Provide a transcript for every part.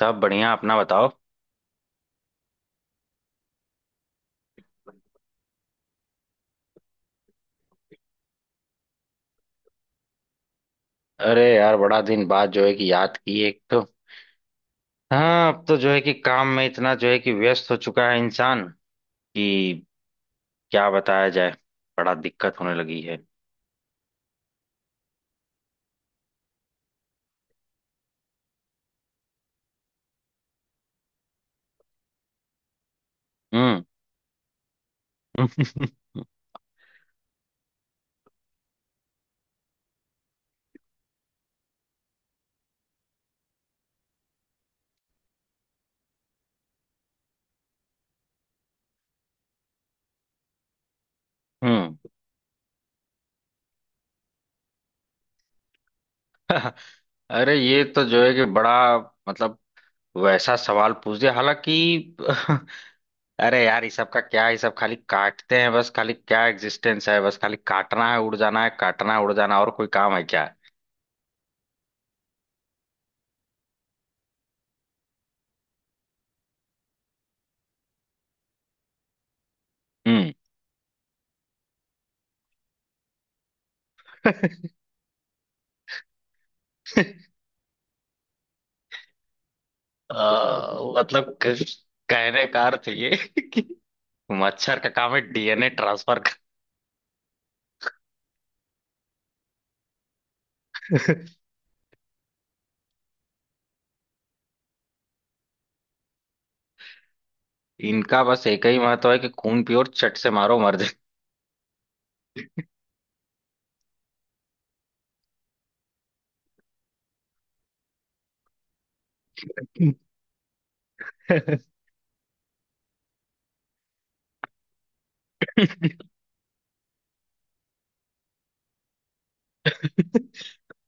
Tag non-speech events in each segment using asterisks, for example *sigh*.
सब बढ़िया। अपना बताओ। अरे यार, बड़ा दिन बाद जो है कि याद की एक तो। हाँ, अब तो जो है कि काम में इतना जो है कि व्यस्त हो चुका है इंसान कि क्या बताया जाए। बड़ा दिक्कत होने लगी है। हम्म। *laughs* हम्म। *laughs* अरे, ये तो जो है कि बड़ा मतलब वैसा सवाल पूछ दिया हालांकि। *laughs* अरे यार, ये सब का क्या है। ये सब खाली काटते हैं, बस खाली, क्या एग्जिस्टेंस है। बस खाली काटना है, उड़ जाना है, काटना है, उड़ जाना है, और कोई काम है क्या। हम्म। *laughs* आ, मतलब कहने का अर्थ ये कि मच्छर का काम है डीएनए ट्रांसफर का। इनका बस एक ही महत्व है कि खून पियो और चट से मारो, मर जाए।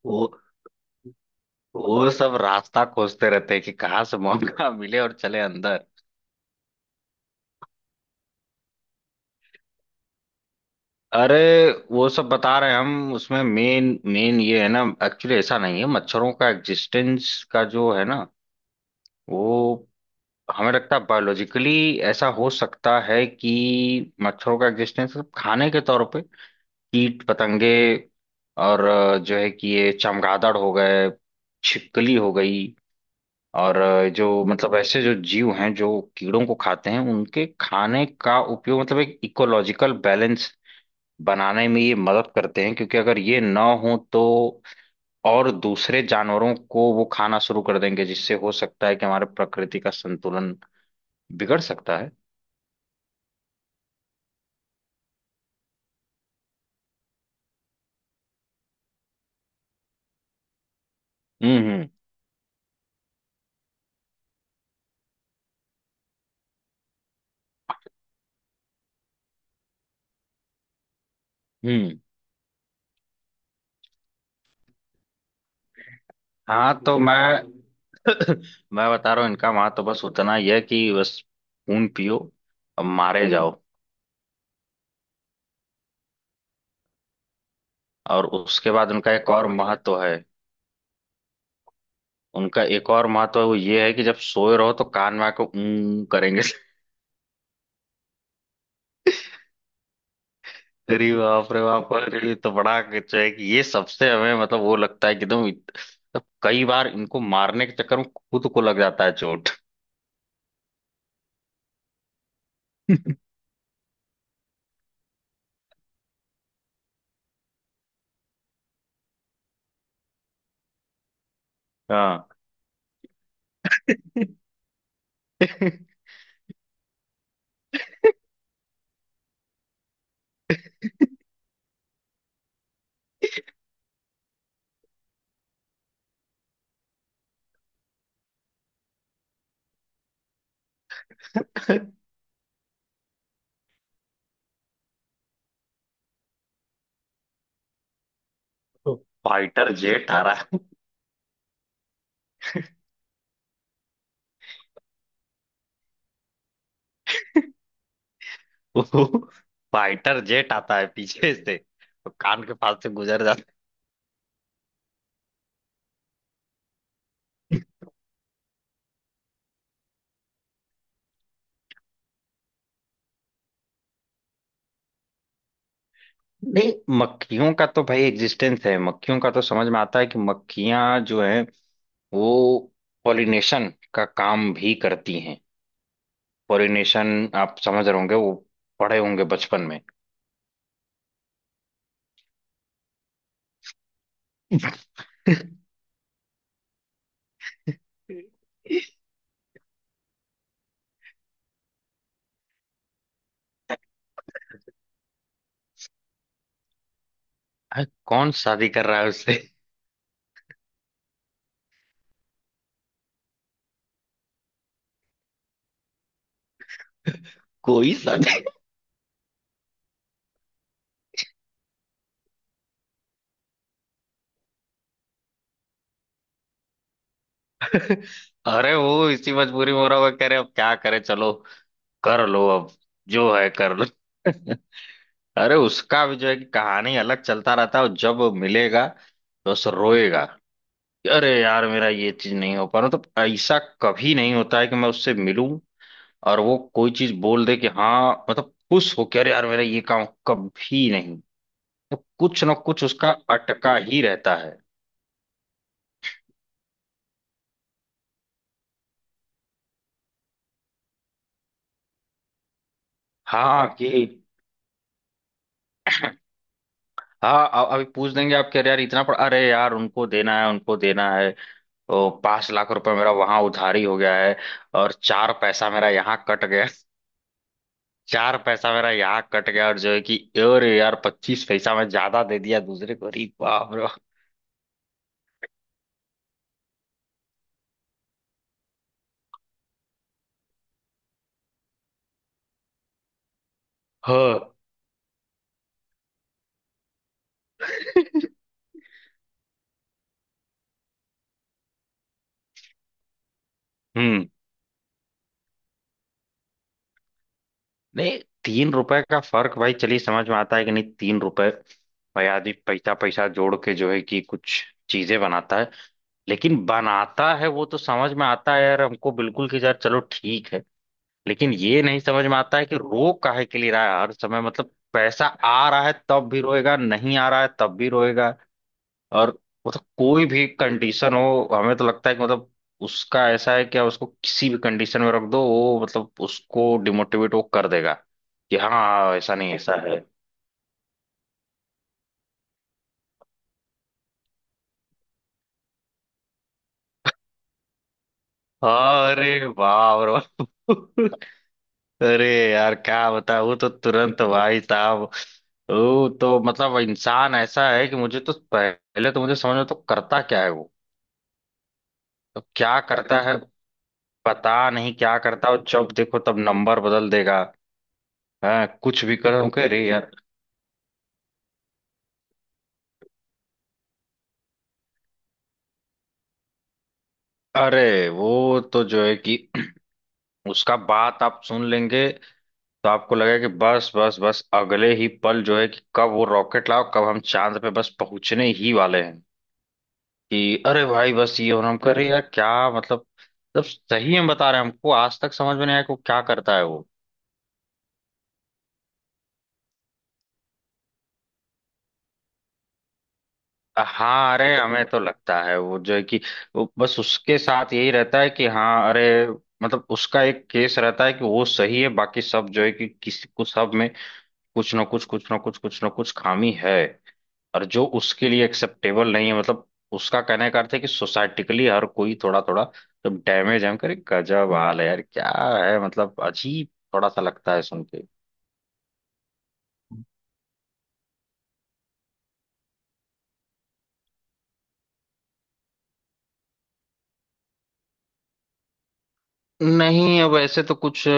वो वो सब रास्ता खोजते रहते हैं कि कहाँ से मौका मिले और चले अंदर। अरे, वो सब बता रहे हैं। हम उसमें मेन मेन ये है ना, एक्चुअली ऐसा नहीं है मच्छरों का एग्जिस्टेंस का, जो है ना। वो हमें लगता है बायोलॉजिकली ऐसा हो सकता है कि मच्छरों का एग्जिस्टेंस खाने के तौर पे, कीट पतंगे, और जो है कि ये चमगादड़ हो गए, छिपकली हो गई, और जो मतलब ऐसे जो जीव हैं जो कीड़ों को खाते हैं, उनके खाने का उपयोग, मतलब एक इकोलॉजिकल बैलेंस बनाने में ये मदद करते हैं। क्योंकि अगर ये ना हो तो और दूसरे जानवरों को वो खाना शुरू कर देंगे, जिससे हो सकता है कि हमारे प्रकृति का संतुलन बिगड़ सकता है। हम्म। हम्म। हम्म। हाँ, तो मैं *coughs* मैं बता रहा हूँ, इनका वहां तो बस उतना ही है कि बस खून पियो और मारे जाओ। और उसके बाद उनका एक और महत्व है। उनका एक और महत्व है, वो ये है कि जब सोए रहो तो कान में आके ऊं करेंगे। *laughs* अरे बाप रे बाप, अरे ये तो बड़ा कुछ है कि ये सबसे हमें मतलब वो लगता है कि एकदम मतलब कई बार इनको मारने के चक्कर में खुद को लग जाता है चोट। हाँ। *laughs* फाइटर जेट आ। *laughs* फाइटर जेट आता है पीछे से, तो कान के पास से गुजर जाता है। नहीं, मक्खियों का तो भाई एग्जिस्टेंस है। मक्खियों का तो समझ में आता है कि मक्खियां जो हैं वो पॉलिनेशन का काम भी करती हैं। पॉलिनेशन, आप समझ रहे होंगे, वो पढ़े होंगे बचपन में। *laughs* अरे, कौन शादी कर रहा है उससे। *laughs* कोई शादी। अरे, वो इसी मजबूरी में हो रहा होगा, कह रहे अब क्या करे, चलो कर लो अब, जो है कर लो। *laughs* अरे, उसका भी जो है कि कहानी अलग चलता रहता है, और जब वो मिलेगा तो बस रोएगा कि अरे यार, मेरा ये चीज नहीं हो पा रहा। मतलब ऐसा कभी नहीं होता है कि मैं उससे मिलूं और वो कोई चीज बोल दे कि हाँ, मतलब खुश हो कि अरे यार, मेरा ये काम कभी नहीं। तो कुछ ना कुछ उसका अटका ही रहता है। हाँ कि हाँ, अभी पूछ देंगे, आप कह रहे यार इतना पड़, अरे यार उनको देना है, उनको देना है। तो 5 लाख रुपए मेरा वहां उधारी हो गया है। और 4 पैसा मेरा यहाँ कट गया। 4 पैसा मेरा यहाँ कट गया और जो है कि, और यार, 25 पैसा मैं ज्यादा दे दिया दूसरे को, अरे बाप रे। हाँ। हम्म। नहीं, 3 रुपए का फर्क भाई, चलिए समझ में आता है कि नहीं, 3 रुपए। भाई, आदमी पैसा पैसा जोड़ के जो है कि कुछ चीजें बनाता है। लेकिन बनाता है, वो तो समझ में आता है यार हमको, बिल्कुल कि यार चलो ठीक है। लेकिन ये नहीं समझ में आता है कि रो काहे के लिए रहा है हर समय, मतलब पैसा आ रहा है तब भी रोएगा, नहीं आ रहा है तब भी रोएगा। और मतलब कोई भी कंडीशन हो, हमें तो लगता है कि मतलब उसका ऐसा है कि आप उसको किसी भी कंडीशन में रख दो, वो मतलब उसको डिमोटिवेट वो कर देगा कि हाँ, ऐसा नहीं ऐसा है। अरे वाह, अरे वाह। *laughs* अरे यार, क्या बताऊँ, वो तो तुरंत भाई साहब, वो तो मतलब इंसान ऐसा है कि मुझे तो पहले तो मुझे समझ में तो करता क्या है वो। तो क्या करता है, पता नहीं क्या करता है, और जब देखो तब नंबर बदल देगा। हाँ, कुछ भी करो कह रही। अरे, वो तो जो है कि *clears throat* उसका बात आप सुन लेंगे तो आपको लगेगा कि बस बस बस, अगले ही पल जो है कि कब वो रॉकेट लाओ, कब हम चांद पे बस पहुंचने ही वाले हैं। कि अरे भाई, बस ये और हम कर रहे हैं, यार क्या मतलब। मतलब सही में बता रहे हैं, हमको आज तक समझ में नहीं आया कि वो क्या करता है वो। हाँ, अरे हमें तो लगता है वो जो है कि वो बस उसके साथ यही रहता है कि हाँ अरे, मतलब उसका एक केस रहता है कि वो सही है, बाकी सब जो है कि किसी को, सब में कुछ ना कुछ कुछ ना कुछ कुछ ना कुछ खामी है। और जो उसके लिए एक्सेप्टेबल नहीं है, मतलब उसका कहने का अर्थ है कि सोसाइटिकली हर कोई थोड़ा थोड़ा जब डैमेज है, करे, गजब हाल है यार, क्या है, मतलब अजीब। थोड़ा सा लगता है सुन के। नहीं, अब ऐसे तो कुछ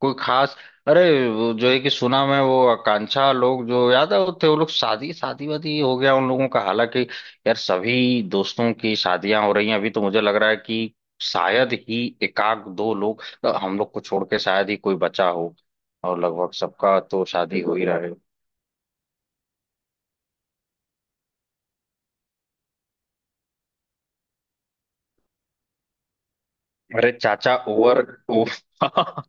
कोई खास। अरे, वो जो है कि सुना मैं, वो आकांक्षा लोग जो याद है वो थे, वो लोग शादी शादी वादी हो गया उन लोगों का, हालांकि। यार, सभी दोस्तों की शादियां हो रही हैं अभी, तो मुझे लग रहा है कि शायद ही एकाग दो लोग हम लोग को छोड़ के शायद ही कोई बचा हो। और लगभग सबका तो शादी हो ही रहा है। अरे चाचा ओवर, ओ। *laughs*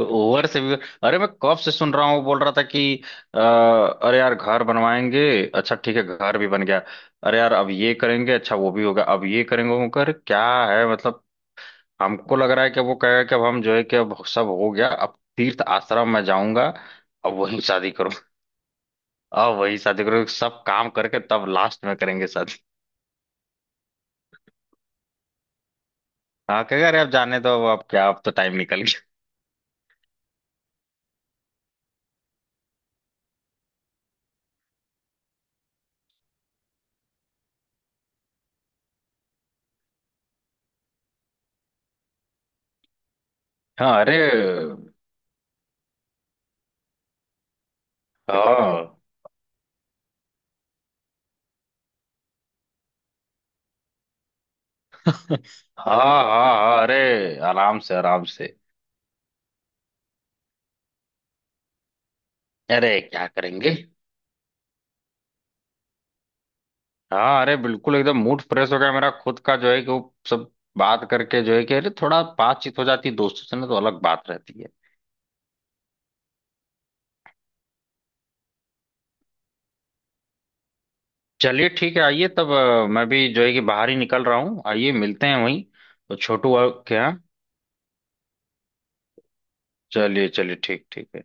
ओवर से भी। अरे, मैं कब से सुन रहा हूँ वो बोल रहा था कि अरे यार घर बनवाएंगे। अच्छा ठीक है, घर भी बन गया। अरे यार, अब ये करेंगे, अच्छा वो भी होगा, अब ये करेंगे, वो कर क्या है मतलब। हमको लग रहा है कि अब वो कहेगा कि अब हम जो है कि अब सब हो गया, अब तीर्थ आश्रम में जाऊंगा। अब वही शादी करूँ, अब वही शादी करूँ, सब काम करके तब लास्ट में करेंगे शादी। हाँ, कहेगा अरे अब जाने दो, अब क्या, अब तो टाइम निकल गया। हाँ, अरे हाँ। *laughs* हाँ हाँ हाँ, अरे आराम से, आराम से। अरे क्या करेंगे। हाँ, अरे बिल्कुल एकदम मूड फ्रेश हो गया मेरा खुद का, जो है कि वो सब बात करके, जो है कि अरे थोड़ा बातचीत हो जाती है दोस्तों से ना, तो अलग बात रहती है। चलिए ठीक है, आइए तब, मैं भी जो है कि बाहर ही निकल रहा हूँ, आइए मिलते हैं वहीं, तो छोटू के यहाँ। चलिए चलिए, ठीक ठीक है।